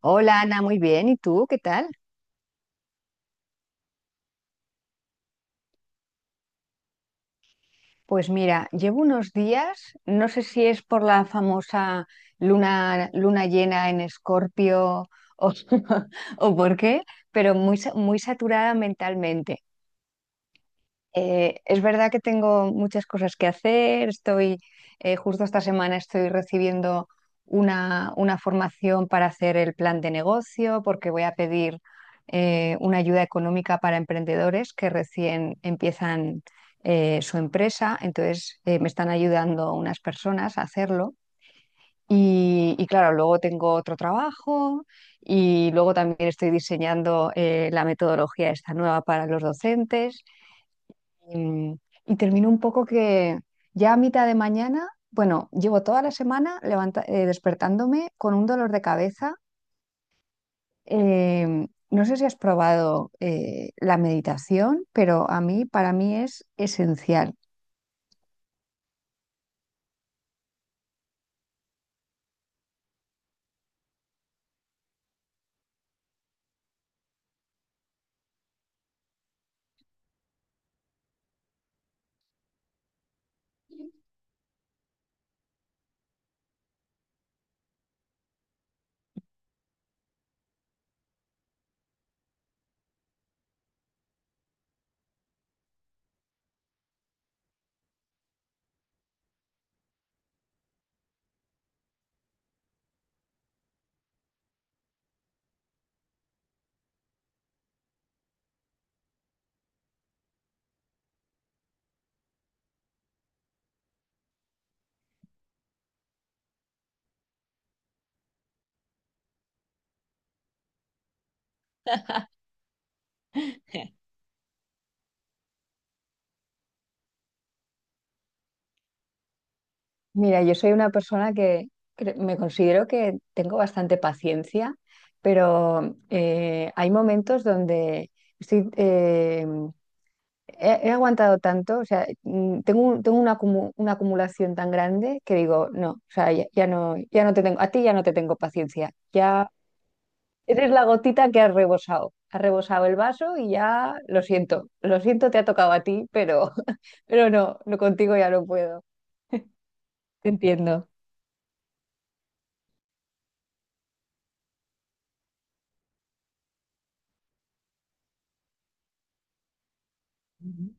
Hola Ana, muy bien. ¿Y tú qué tal? Pues mira, llevo unos días, no sé si es por la famosa luna llena en Escorpio o, o por qué, pero muy saturada mentalmente. Es verdad que tengo muchas cosas que hacer. Justo esta semana estoy recibiendo una formación para hacer el plan de negocio, porque voy a pedir una ayuda económica para emprendedores que recién empiezan su empresa. Entonces, me están ayudando unas personas a hacerlo. Y claro, luego tengo otro trabajo y luego también estoy diseñando la metodología esta nueva para los docentes. Y, y termino un poco que ya a mitad de mañana, bueno, llevo toda la semana despertándome con un dolor de cabeza. No sé si has probado la meditación, pero a mí, para mí es esencial. Mira, yo soy una persona que me considero que tengo bastante paciencia, pero hay momentos donde estoy, eh, he aguantado tanto, o sea, tengo una acumulación tan grande que digo, no, o sea, ya, ya no, ya no te tengo, a ti ya no te tengo paciencia, ya eres la gotita que has rebosado el vaso y ya lo siento, te ha tocado a ti, pero, pero no, no contigo ya no puedo. Te entiendo. Ujú.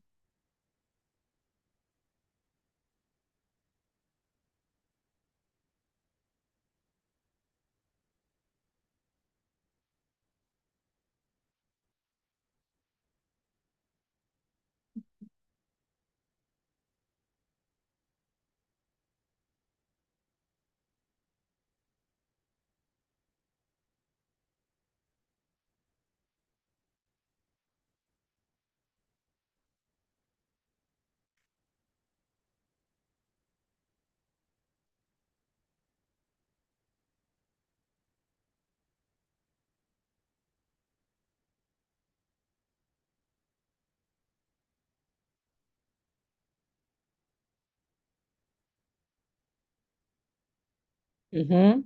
Ujú.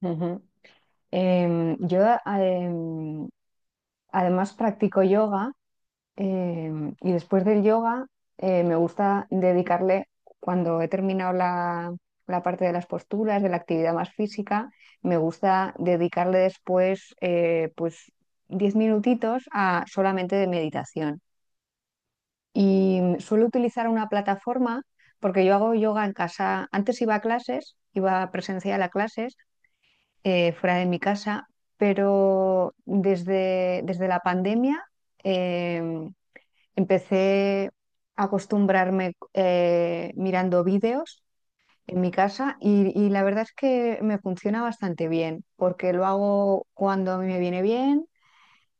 Ujú. Em, yo em, Además practico yoga y después del yoga me gusta dedicarle, cuando he terminado la parte de las posturas, de la actividad más física, me gusta dedicarle después pues 10 minutitos a solamente de meditación. Y suelo utilizar una plataforma porque yo hago yoga en casa. Antes iba a clases, iba presencial a clases fuera de mi casa, pero desde la pandemia em, empecé a acostumbrarme mirando vídeos en mi casa y la verdad es que me funciona bastante bien, porque lo hago cuando a mí me viene bien.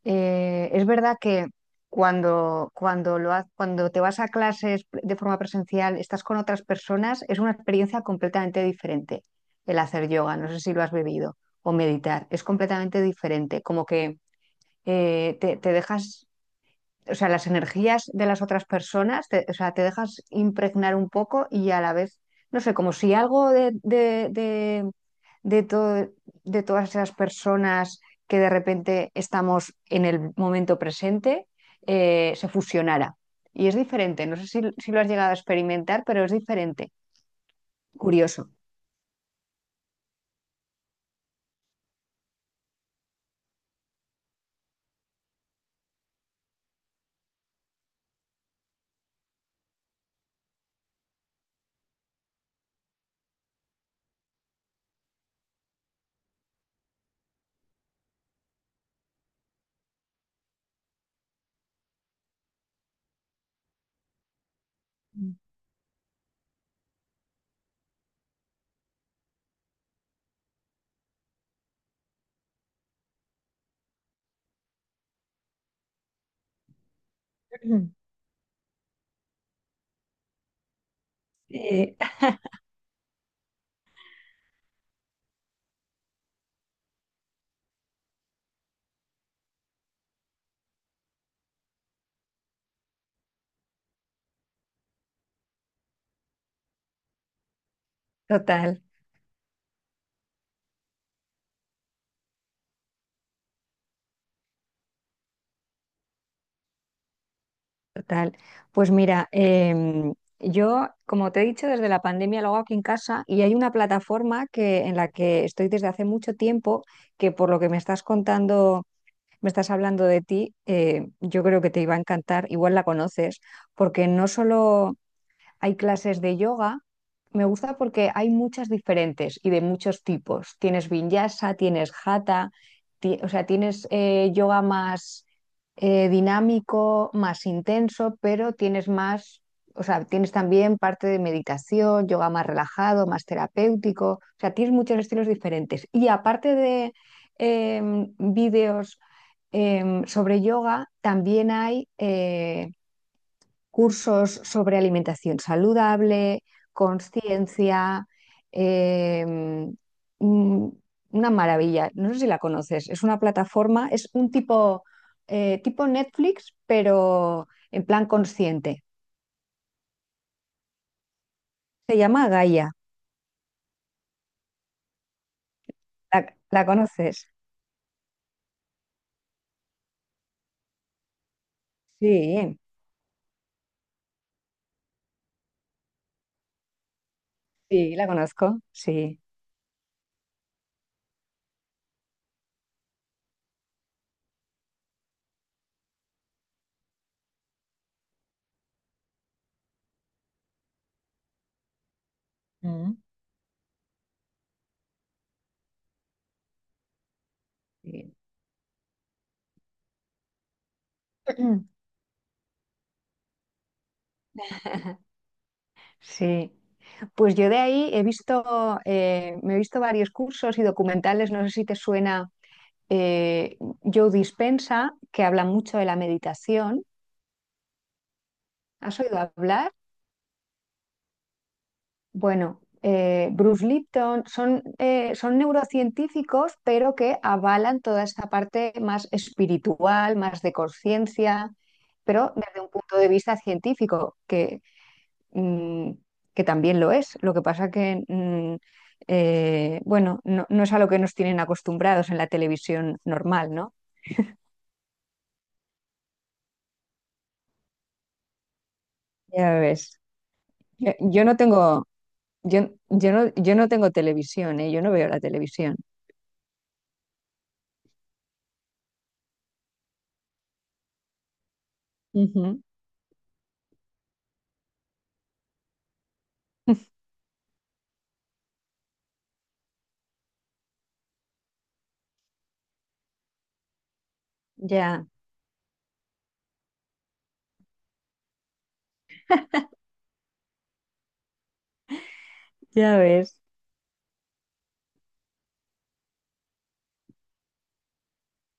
Es verdad que cuando te vas a clases de forma presencial, estás con otras personas, es una experiencia completamente diferente el hacer yoga, no sé si lo has vivido, o meditar, es completamente diferente, como que te dejas, o sea, las energías de las otras personas, o sea, te dejas impregnar un poco y a la vez, no sé, como si algo de, to- de todas esas personas que de repente estamos en el momento presente se fusionara. Y es diferente, no sé si, si lo has llegado a experimentar, pero es diferente, curioso. Sí, total. Total. Pues mira, yo, como te he dicho, desde la pandemia lo hago aquí en casa y hay una plataforma que, en la que estoy desde hace mucho tiempo, que por lo que me estás contando, me estás hablando de ti, yo creo que te iba a encantar, igual la conoces, porque no solo hay clases de yoga. Me gusta porque hay muchas diferentes y de muchos tipos. Tienes vinyasa, tienes hatha, o sea, tienes yoga más dinámico, más intenso, pero tienes más, o sea, tienes también parte de meditación, yoga más relajado, más terapéutico. O sea, tienes muchos estilos diferentes. Y aparte de vídeos sobre yoga, también hay cursos sobre alimentación saludable, conciencia, eh, mm, una maravilla. No sé si la conoces, es una plataforma, es un tipo, tipo Netflix, pero en plan consciente. Se llama Gaia, la conoces? Sí, sí, la conozco, sí. Mm. Sí. Sí, pues yo de ahí he visto, me he visto varios cursos y documentales, no sé si te suena eh, Joe Dispenza que habla mucho de la meditación. ¿Has oído hablar? Bueno, Bruce Lipton, son, son neurocientíficos, pero que avalan toda esta parte más espiritual, más de conciencia, pero desde un punto de vista científico, que, mm, que también lo es. Lo que pasa que, bueno, no, no es a lo que nos tienen acostumbrados en la televisión normal, ¿no? Ya ves. Yo, yo no tengo, Yo, yo no, yo no tengo televisión, ¿eh? Yo no veo la televisión. Ujú. Ya, ya ves.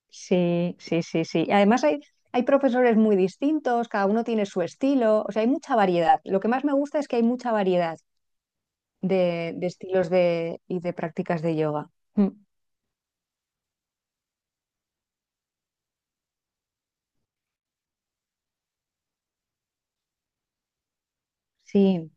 Sí, sí, sí, sí. Además hay, hay profesores muy distintos, cada uno tiene su estilo, o sea, hay mucha variedad. Lo que más me gusta es que hay mucha variedad de estilos y de prácticas de yoga. Mm. Sí,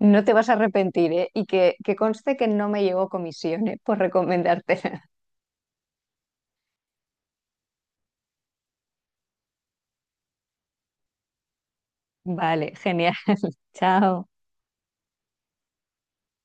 no te vas a arrepentir, ¿eh? Y que conste que no me llegó comisión, ¿eh? Por recomendártela. Vale, genial. Chao.